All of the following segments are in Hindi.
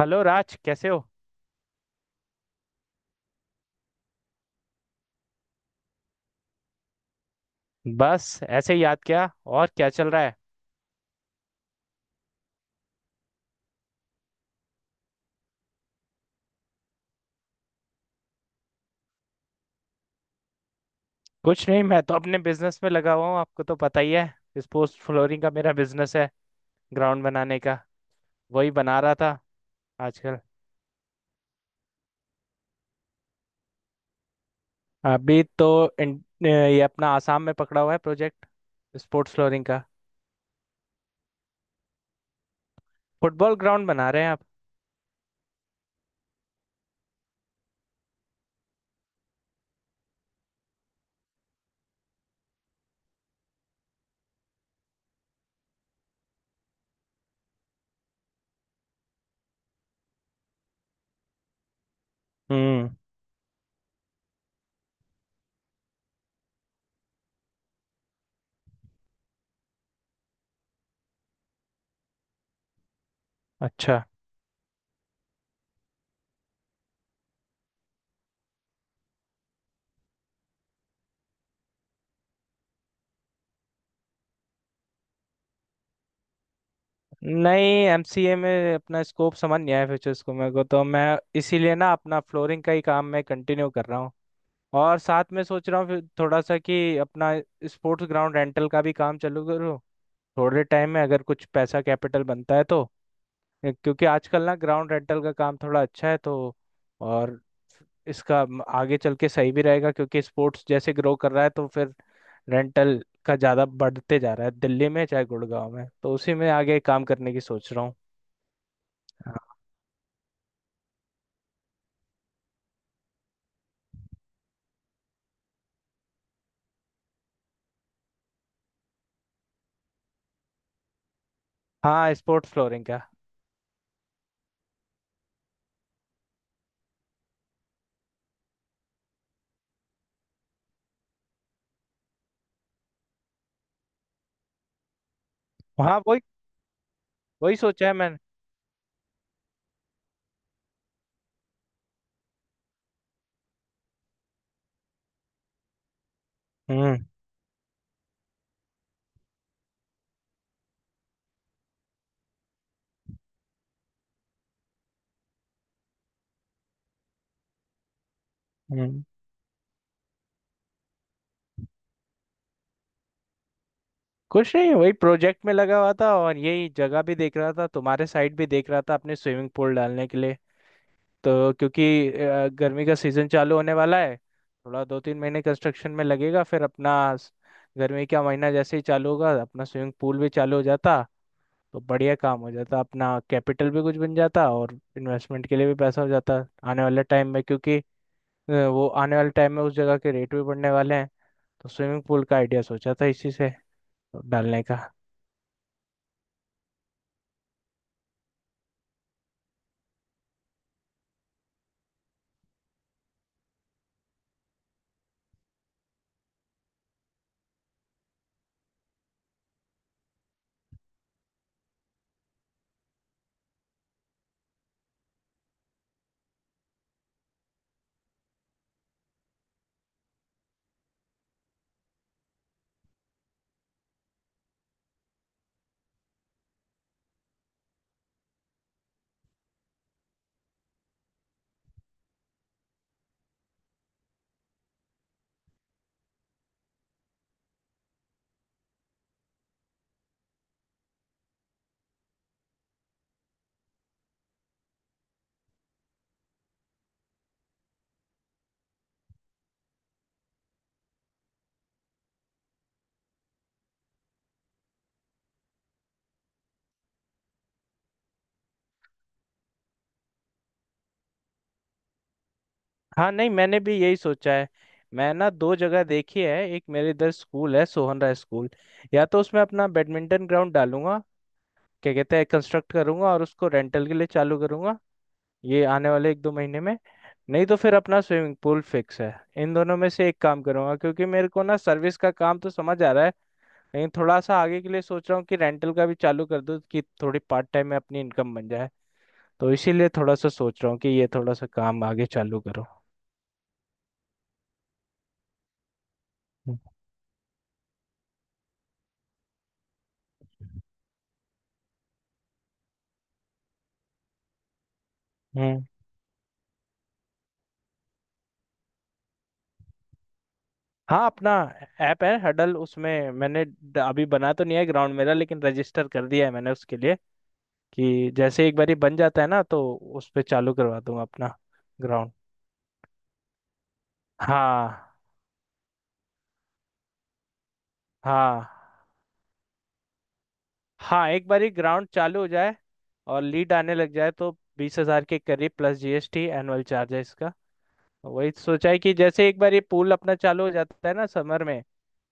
हेलो राज कैसे हो। बस ऐसे ही याद किया और क्या चल रहा है। कुछ नहीं मैं तो अपने बिजनेस में लगा हुआ हूँ आपको तो पता ही है। स्पोर्ट्स फ्लोरिंग का मेरा बिजनेस है, ग्राउंड बनाने का। वही बना रहा था आजकल। अभी तो ये अपना आसाम में पकड़ा हुआ है प्रोजेक्ट, स्पोर्ट्स फ्लोरिंग का। फुटबॉल ग्राउंड बना रहे हैं आप। हम्म। अच्छा। नहीं एमसीए में अपना स्कोप समझ नहीं आया फ्यूचर्स को मेरे को, तो मैं इसीलिए ना अपना फ्लोरिंग का ही काम मैं कंटिन्यू कर रहा हूँ। और साथ में सोच रहा हूँ फिर थोड़ा सा कि अपना स्पोर्ट्स ग्राउंड रेंटल का भी काम चालू करूँ थोड़े टाइम में, अगर कुछ पैसा कैपिटल बनता है तो। क्योंकि आजकल ना ग्राउंड रेंटल का काम थोड़ा अच्छा है तो। और इसका आगे चल के सही भी रहेगा क्योंकि स्पोर्ट्स जैसे ग्रो कर रहा है तो फिर रेंटल का ज़्यादा बढ़ते जा रहा है दिल्ली में चाहे गुड़गांव में, तो उसी में आगे काम करने की सोच रहा हूँ। हाँ स्पोर्ट्स फ्लोरिंग का। हाँ वही। वही सोचा है मैंने। हम्म। हम्म। कुछ नहीं वही प्रोजेक्ट में लगा हुआ था और यही जगह भी देख रहा था, तुम्हारे साइड भी देख रहा था अपने स्विमिंग पूल डालने के लिए। तो क्योंकि गर्मी का सीजन चालू होने वाला है, थोड़ा दो तीन महीने कंस्ट्रक्शन में लगेगा फिर अपना गर्मी का महीना जैसे ही चालू होगा अपना स्विमिंग पूल भी चालू हो जाता। तो बढ़िया काम हो जाता, अपना कैपिटल भी कुछ बन जाता और इन्वेस्टमेंट के लिए भी पैसा हो जाता आने वाले टाइम में। क्योंकि वो आने वाले टाइम में उस जगह के रेट भी बढ़ने वाले हैं। तो स्विमिंग पूल का आइडिया सोचा था इसी से डालने का। हाँ नहीं मैंने भी यही सोचा है। मैं ना दो जगह देखी है, एक मेरे इधर स्कूल है सोहन राय स्कूल, या तो उसमें अपना बैडमिंटन ग्राउंड डालूंगा, क्या कहते हैं कंस्ट्रक्ट करूंगा और उसको रेंटल के लिए चालू करूंगा ये आने वाले एक दो महीने में। नहीं तो फिर अपना स्विमिंग पूल फिक्स है। इन दोनों में से एक काम करूंगा क्योंकि मेरे को ना सर्विस का काम तो समझ आ रहा है लेकिन थोड़ा सा आगे के लिए सोच रहा हूँ कि रेंटल का भी चालू कर दूँ कि थोड़ी पार्ट टाइम में अपनी इनकम बन जाए। तो इसीलिए थोड़ा सा सोच रहा हूँ कि ये थोड़ा सा काम आगे चालू करो। हम्म। हाँ अपना ऐप है हडल, उसमें मैंने अभी बना तो नहीं है ग्राउंड मेरा लेकिन रजिस्टर कर दिया है मैंने उसके लिए कि जैसे एक बार ही बन जाता है ना, तो उस पे चालू करवा दूंगा अपना ग्राउंड। हाँ हाँ। हाँ एक बार ही ग्राउंड चालू हो जाए और लीड आने लग जाए तो। 20,000 के करीब प्लस जीएसटी एनुअल चार्ज है इसका। वही सोचा है कि जैसे एक बार ये पूल अपना चालू हो जाता है ना समर में,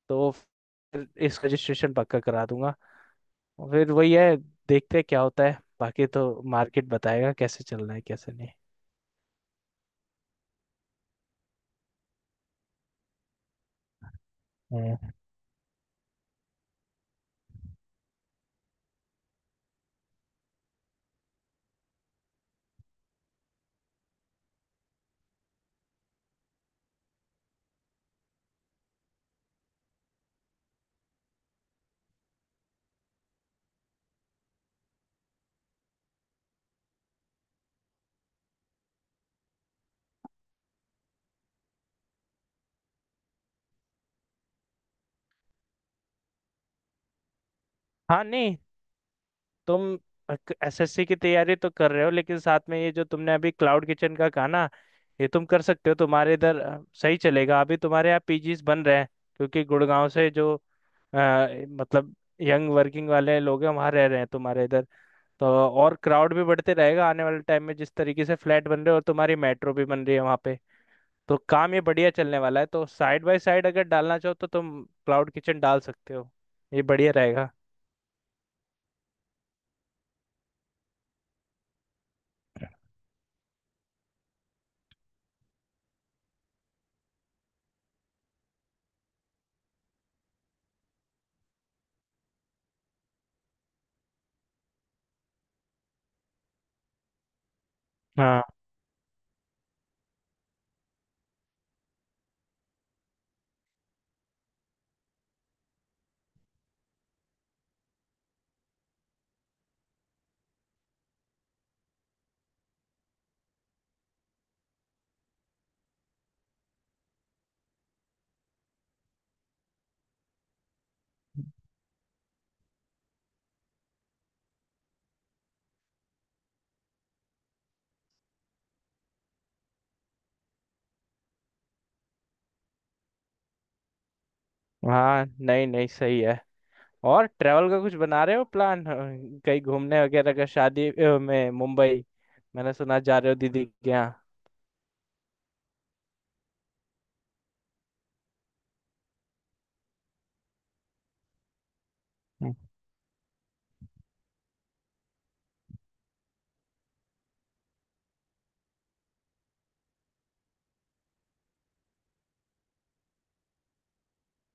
तो फिर इस रजिस्ट्रेशन पक्का करा दूंगा। फिर वही है, देखते हैं क्या होता है, बाकी तो मार्केट बताएगा कैसे चलना है कैसे नहीं। हम्म। हाँ नहीं तुम एसएससी की तैयारी तो कर रहे हो लेकिन साथ में ये जो तुमने अभी क्लाउड किचन का कहा ना, ये तुम कर सकते हो तुम्हारे इधर। सही चलेगा, अभी तुम्हारे यहाँ पीजीज बन रहे हैं क्योंकि गुड़गांव से जो अ, मतलब यंग वर्किंग वाले लोग हैं वहाँ रह रहे हैं तुम्हारे इधर। तो और क्राउड भी बढ़ते रहेगा आने वाले टाइम में जिस तरीके से फ्लैट बन रहे हैं और तुम्हारी मेट्रो भी बन रही है वहाँ पे। तो काम ये बढ़िया चलने वाला है, तो साइड बाय साइड अगर डालना चाहो तो तुम क्लाउड किचन डाल सकते हो, ये बढ़िया रहेगा। हाँ। हाँ नहीं नहीं सही है। और ट्रैवल का कुछ बना रहे हो प्लान, कहीं घूमने वगैरह का, शादी में मुंबई मैंने सुना जा रहे हो दीदी के यहाँ। हम्म।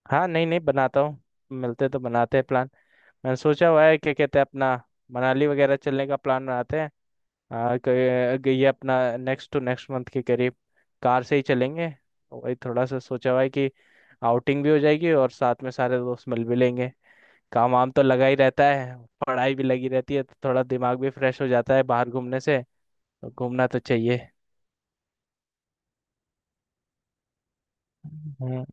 हाँ नहीं नहीं बनाता हूँ, मिलते तो बनाते हैं प्लान। मैंने सोचा हुआ है क्या कहते हैं अपना मनाली वगैरह चलने का प्लान बनाते हैं। हाँ ये अपना नेक्स्ट टू नेक्स्ट मंथ के करीब कार से ही चलेंगे, तो वही थोड़ा सा सोचा हुआ है कि आउटिंग भी हो जाएगी और साथ में सारे दोस्त मिल भी लेंगे। काम वाम तो लगा ही रहता है, पढ़ाई भी लगी रहती है, तो थोड़ा दिमाग भी फ्रेश हो जाता है बाहर घूमने से, तो घूमना तो चाहिए। हम्म।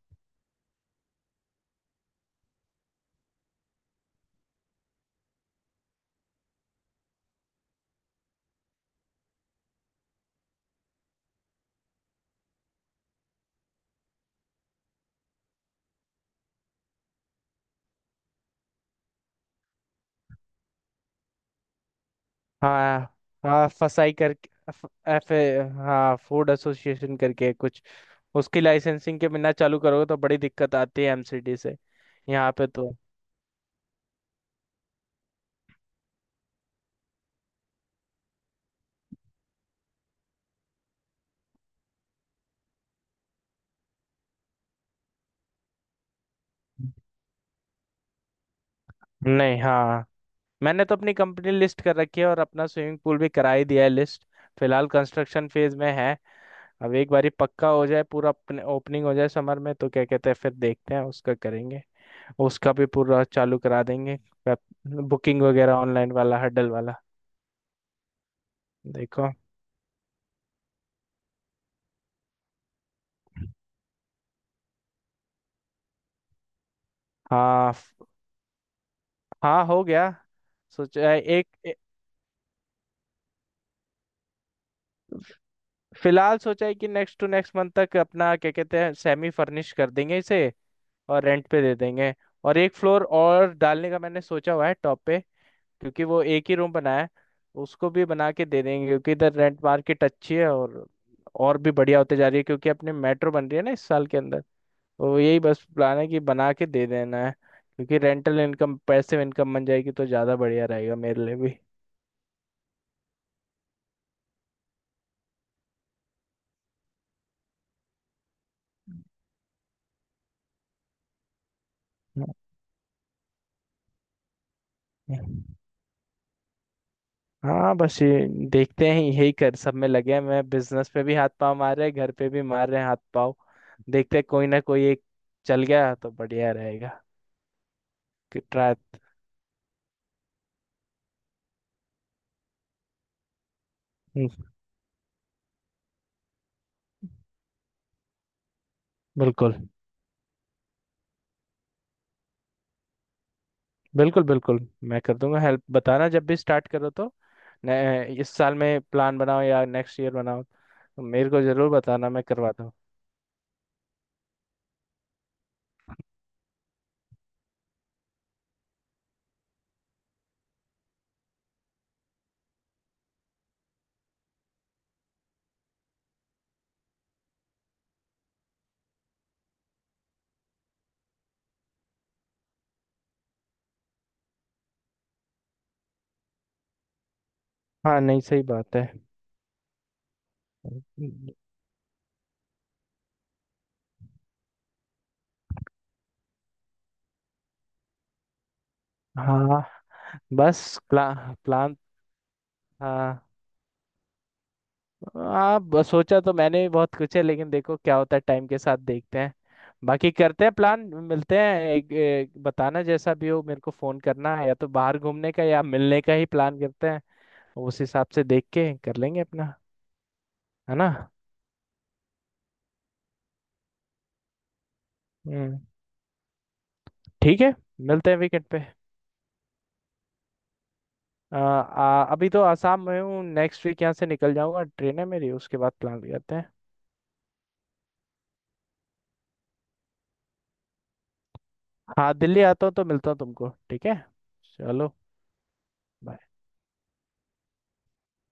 हाँ हाँ फसाई करके एफ एफ- ए, हाँ फूड एसोसिएशन करके कुछ। उसकी लाइसेंसिंग के बिना चालू करोगे तो बड़ी दिक्कत आती है एमसीडी से। यहाँ पे तो। नहीं हाँ मैंने तो अपनी कंपनी लिस्ट कर रखी है और अपना स्विमिंग पूल भी करा ही दिया है लिस्ट। फिलहाल कंस्ट्रक्शन फेज में है। अब एक बारी पक्का हो जाए पूरा, ओपनिंग हो जाए समर में, तो क्या कहते हैं फिर देखते हैं उसका करेंगे, उसका भी पूरा चालू करा देंगे बुकिंग वगैरह ऑनलाइन वाला हडल वाला। देखो। हाँ हाँ हो गया। सोचा है फिलहाल सोचा है कि नेक्स्ट टू नेक्स्ट मंथ तक अपना क्या कहते हैं सेमी फर्निश कर देंगे इसे, और रेंट पे दे देंगे। और एक फ्लोर और डालने का मैंने सोचा हुआ है टॉप पे क्योंकि वो एक ही रूम बना है, उसको भी बना के दे देंगे क्योंकि इधर रेंट मार्केट अच्छी है और भी बढ़िया होते जा रही है क्योंकि अपने मेट्रो बन रही है ना इस साल के अंदर। तो यही बस प्लान है कि बना के दे देना है, क्योंकि रेंटल इनकम पैसिव इनकम बन जाएगी तो ज़्यादा बढ़िया रहेगा मेरे लिए भी। हाँ बस ये देखते हैं, यही कर सब में लगे हैं, मैं बिजनेस पे भी हाथ पाँव मार रहे हैं घर पे भी मार रहे हैं हाथ पाँव। देखते हैं कोई ना कोई एक चल गया तो बढ़िया रहेगा। ट्राई। बिल्कुल। बिल्कुल बिल्कुल मैं कर दूंगा हेल्प, बताना जब भी स्टार्ट करो तो। इस साल में प्लान बनाओ या नेक्स्ट ईयर बनाओ तो मेरे को जरूर बताना मैं करवा दूँ। हाँ नहीं सही बात है। हाँ बस। Plan plan. हाँ। हाँ बस सोचा तो मैंने भी बहुत कुछ है लेकिन देखो क्या होता है टाइम के साथ, देखते हैं। बाकी करते हैं प्लान, मिलते हैं एक बताना जैसा भी हो, मेरे को फोन करना है या तो बाहर घूमने का या मिलने का ही प्लान करते हैं। उस हिसाब से देख के कर लेंगे अपना। है ना। हम्म। ठीक है। मिलते हैं वीकेंड पे। आ, आ, अभी तो आसाम में हूँ नेक्स्ट वीक यहाँ से निकल जाऊंगा, ट्रेन है मेरी, उसके बाद प्लान करते हैं। हाँ दिल्ली आता हूँ तो मिलता हूँ तुमको ठीक है। चलो bye।